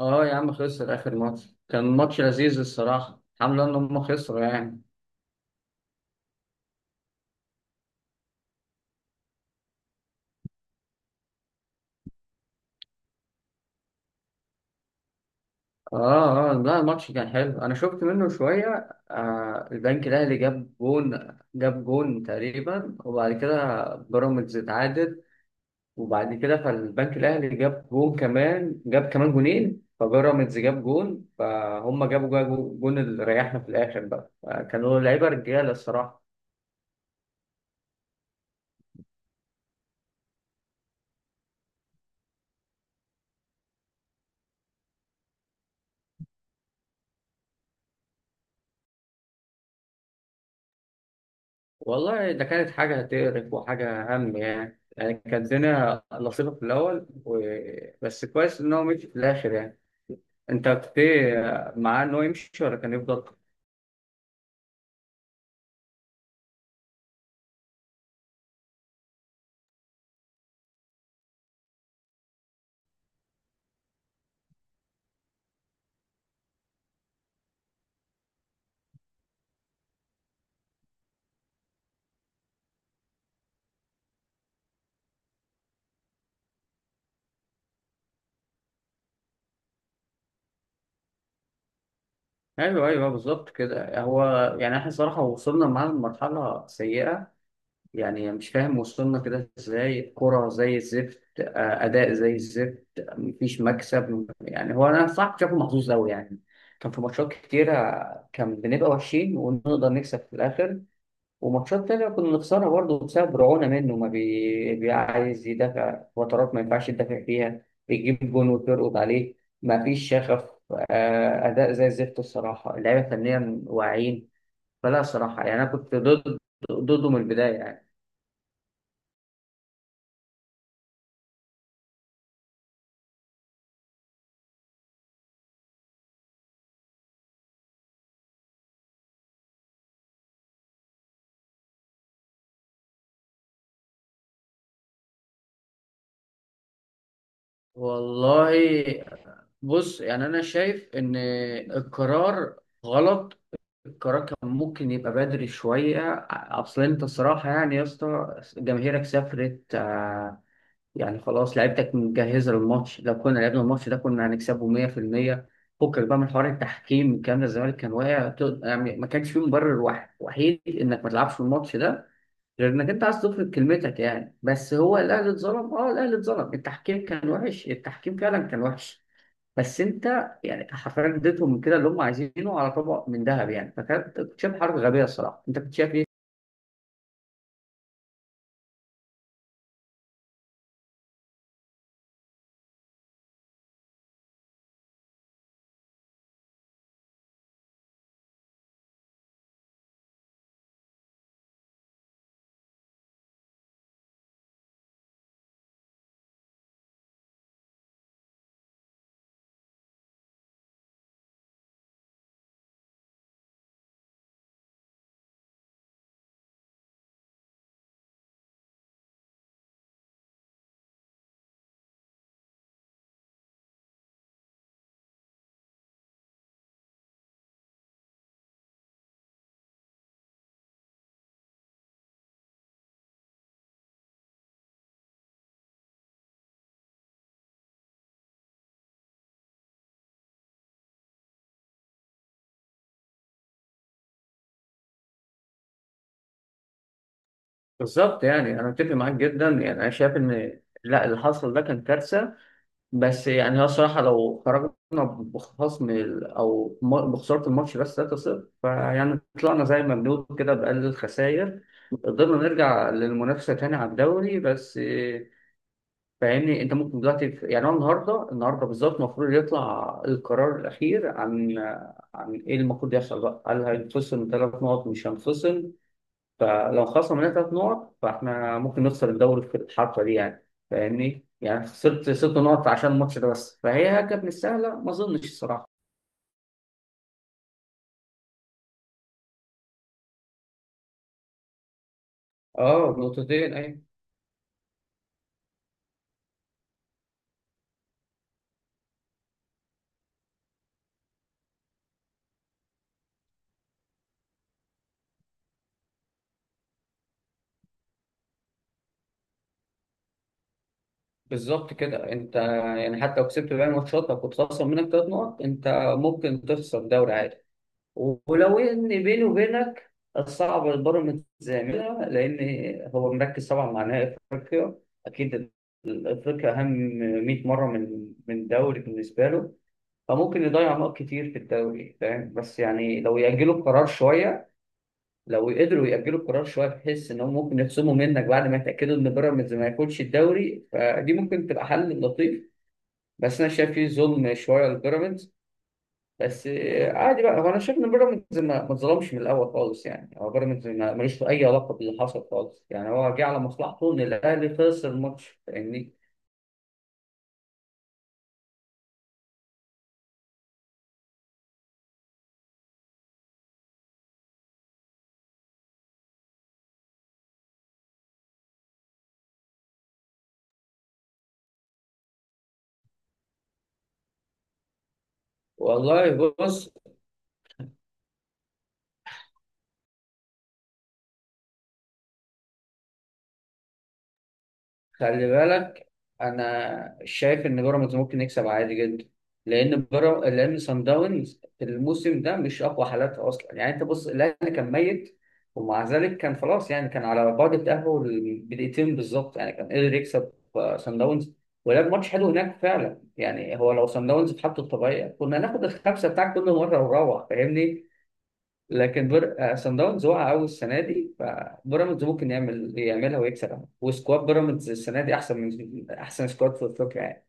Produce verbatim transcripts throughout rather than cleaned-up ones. اه يا عم، خسر اخر ماتش. كان ماتش لذيذ الصراحه، الحمد لله ان هم خسروا يعني. اه اه، لا الماتش كان حلو، انا شفت منه شويه. آه، البنك الاهلي جاب جون جاب جون تقريبا، وبعد كده بيراميدز اتعادل. وبعد كده فالبنك الاهلي جاب جون كمان جاب كمان جونين، فبيراميدز جاب جون، فهم جابوا جا- جون اللي ريحنا في الاخر بقى آه، كانوا لعيبه رجاله الصراحه. والله ده كانت حاجة تقرف وحاجة هم يعني يعني كانت الدنيا لطيفة في الأول و... بس كويس إن هو مشي في الآخر يعني. أنت كنت إيه معاه؟ إن هو يمشي ولا كان يفضل؟ أيوه أيوه، بالظبط كده هو. يعني إحنا صراحة وصلنا معاه لمرحلة سيئة، يعني مش فاهم وصلنا كده إزاي. كرة زي الزفت آه، أداء زي الزفت، مفيش مكسب يعني. هو أنا صح شايفه محظوظ أوي يعني، كان في ماتشات كتيرة كان بنبقى وحشين ونقدر نكسب في الآخر، وماتشات تانية كنا بنخسرها برضه بسبب رعونة منه. ما بي... بيعايز يدافع فترات ما ينفعش يدافع فيها، بيجيب جون وترقد عليه. ما فيش شغف، آه، أداء زي الزفت الصراحة. اللعيبة فنيا واعيين. فلا صراحة يعني أنا كنت ضد، ضده من البداية يعني. والله بص، يعني أنا شايف إن القرار غلط. القرار كان ممكن يبقى بدري شوية. أصل أنت صراحة يعني يا اسطى، جماهيرك سافرت، يعني خلاص لعيبتك مجهزة للماتش. لو كنا لعبنا الماتش ده كنا هنكسبه مية في المية. فكك بقى من حوار التحكيم الكلام ده. الزمالك كان واقع، ت- يعني ما كانش فيه مبرر واحد وحيد انك ما تلعبش في الماتش ده غير انك انت عايز تفرض كلمتك يعني. بس هو الاهلي اتظلم، اه الاهلي اتظلم، التحكيم كان وحش، التحكيم فعلا كان وحش. بس انت يعني حرفيا اديتهم من كده اللي هم عايزينه على طبق من ذهب يعني. فكانت كنت شايف حركه غبيه الصراحه. انت كنت شايف ايه؟ بالظبط يعني انا متفق معاك جدا، يعني انا شايف ان لا اللي حصل ده كان كارثه. بس يعني هو الصراحة لو خرجنا بخصم ال- أو م- بخسارة الماتش بس تلاتة صفر، فيعني طلعنا زي ما بنقول كده بأقل الخسائر، قدرنا نرجع للمنافسة تاني على الدوري. بس إيه، فاهمني. أنت ممكن دلوقتي في- يعني هو النهاردة، النهاردة بالظبط المفروض يطلع القرار الأخير عن عن إيه المفروض يحصل بقى. هل هينفصل من ثلاث نقط مش هينفصل؟ فلو خسرنا مننا ثلاث نقط فاحنا ممكن نخسر الدوري في الحركه دي يعني. فاهمني؟ يعني خسرت ست نقط عشان الماتش ده بس، فهي كانت مش سهله ما اظنش الصراحه. اه نقطتين اي. بالظبط كده انت، يعني حتى لو كسبت باقي الماتشات لو كنت خسر منك ثلاث نقط انت ممكن تخسر الدوري عادي. ولو ان بيني وبينك، الصعب البيراميدز يعملها، لان هو مركز طبعا مع نهائي افريقيا. اكيد افريقيا اهم مية مره من من دوري بالنسبه له. فممكن يضيع نقط كتير في الدوري فاهم. بس يعني لو يأجلوا القرار شوية، لو قدروا يأجلوا القرار شوية بحيث إنهم ممكن يخصموا منك بعد ما يتأكدوا إن بيراميدز ما ياخدش الدوري، فدي ممكن تبقى حل لطيف. بس أنا شايف فيه ظلم شوية لبيراميدز. بس آه، عادي بقى. هو أنا شايف إن بيراميدز ما ما اتظلمش من الأول خالص يعني. هو بيراميدز ما- ملوش أي علاقة باللي حصل خالص يعني. هو جه على مصلحته إن الأهلي خسر الماتش، فاهمني. والله بص، خلي بالك، انا شايف ان بيراميدز ممكن يكسب عادي جدا. لان بيراميدز، لان سان داونز في الموسم ده مش اقوى حالاتها اصلا يعني. انت بص، الاهلي كان ميت، ومع ذلك كان خلاص يعني، كان على بعد التاهل بدقيقتين بالظبط يعني. كان قدر يكسب آه، سان داونز، ولعب ماتش حلو هناك فعلا يعني. هو لو سان داونز في حالته الطبيعيه كنا ناخد الخمسه بتاعك كل مره ونروح، فاهمني. لكن بر... سان داونز وقع قوي السنه دي، فبيراميدز ممكن يعمل يعملها ويكسبها. وسكواد بيراميدز السنه دي احسن من احسن سكواد في افريقيا يعني.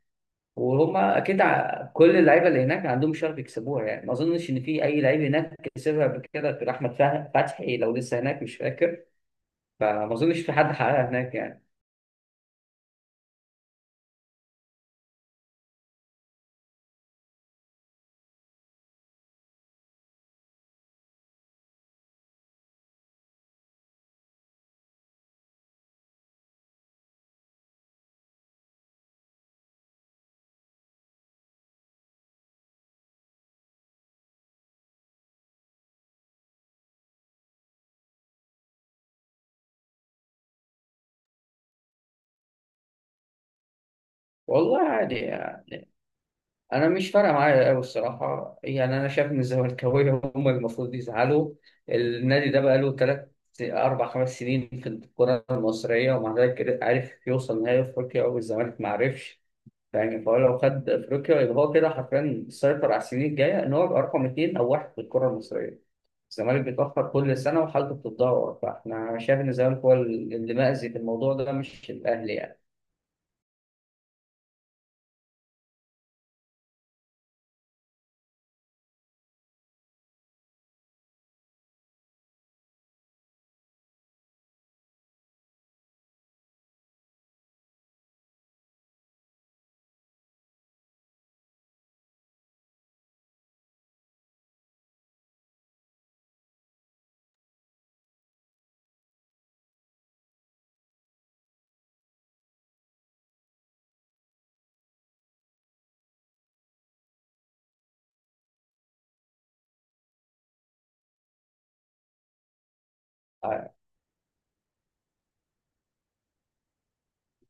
وهم اكيد ع- كل اللعيبه اللي هناك عندهم شغف يكسبوها يعني. ما اظنش ان في اي لعيب هناك كسبها قبل كده غير احمد فه- فتحي، لو لسه هناك مش فاكر. فما اظنش في حد حققها هناك يعني. والله عادي يعني. انا مش فارقه معايا قوي الصراحه يعني. انا شايف ان الزملكاويه هم المفروض يزعلوا. النادي ده بقاله ثلاث، اربع، خمس سنين في الكره المصريه ومع ذلك عرف يوصل نهائي افريقيا والزمالك ما عرفش يعني. فهو لو خد افريقيا يبقى هو كده حرفيا سيطر على السنين الجايه، ان هو يبقى رقم اثنين او واحد في الكره المصريه. الزمالك بيتاخر كل سنه وحالته بتتدهور. فاحنا شايف ان الزمالك هو اللي مأذي في الموضوع ده مش الاهلي يعني.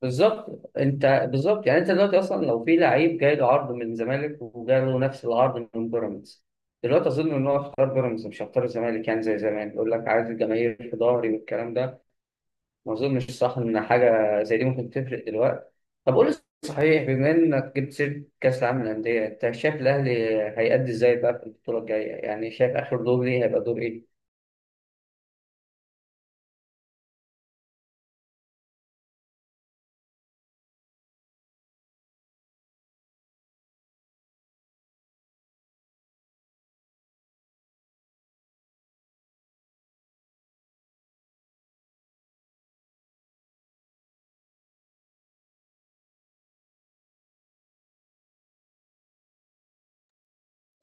بالظبط انت بالظبط يعني. انت دلوقتي اصلا لو في لعيب جاي له عرض من الزمالك وجاي له نفس العرض من بيراميدز، دلوقتي اظن ان هو اختار بيراميدز، مش هيختار الزمالك يعني زي زمان يقول لك عايز الجماهير في ظهري والكلام ده. ما اظنش صح ان حاجه زي دي ممكن تفرق دلوقتي. طب قول لي صحيح، بما انك جبت سيره كاس العالم للانديه، انت شايف الاهلي هيأدي ازاي بقى في البطوله الجايه؟ يعني شايف اخر دور ليه هيبقى دور ايه؟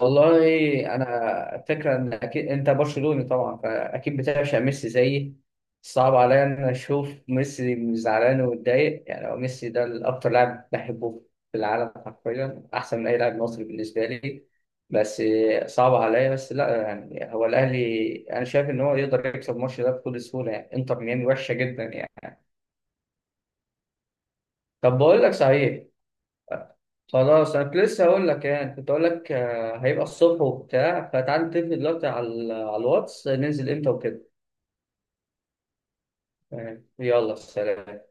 والله، انا فكره ان اكيد انت برشلوني طبعا، فاكيد بتعشق ميسي زيي. صعب عليا ان اشوف ميسي زعلان ومتضايق يعني. هو ميسي ده الاكتر لاعب بحبه في العالم، حرفيا احسن من اي لاعب مصري بالنسبه لي. بس صعب عليا. بس لا يعني هو الاهلي انا شايف ان هو يقدر يكسب الماتش ده بكل سهوله يعني. انتر ميامي وحشه جدا يعني. طب بقول لك صحيح، خلاص انا كنت لسه هقول لك يعني، كنت هقول لك آه، هيبقى الصبح وبتاع، فتعال نتفق دلوقتي على على الواتس ننزل امتى وكده. يعني يلا سلام.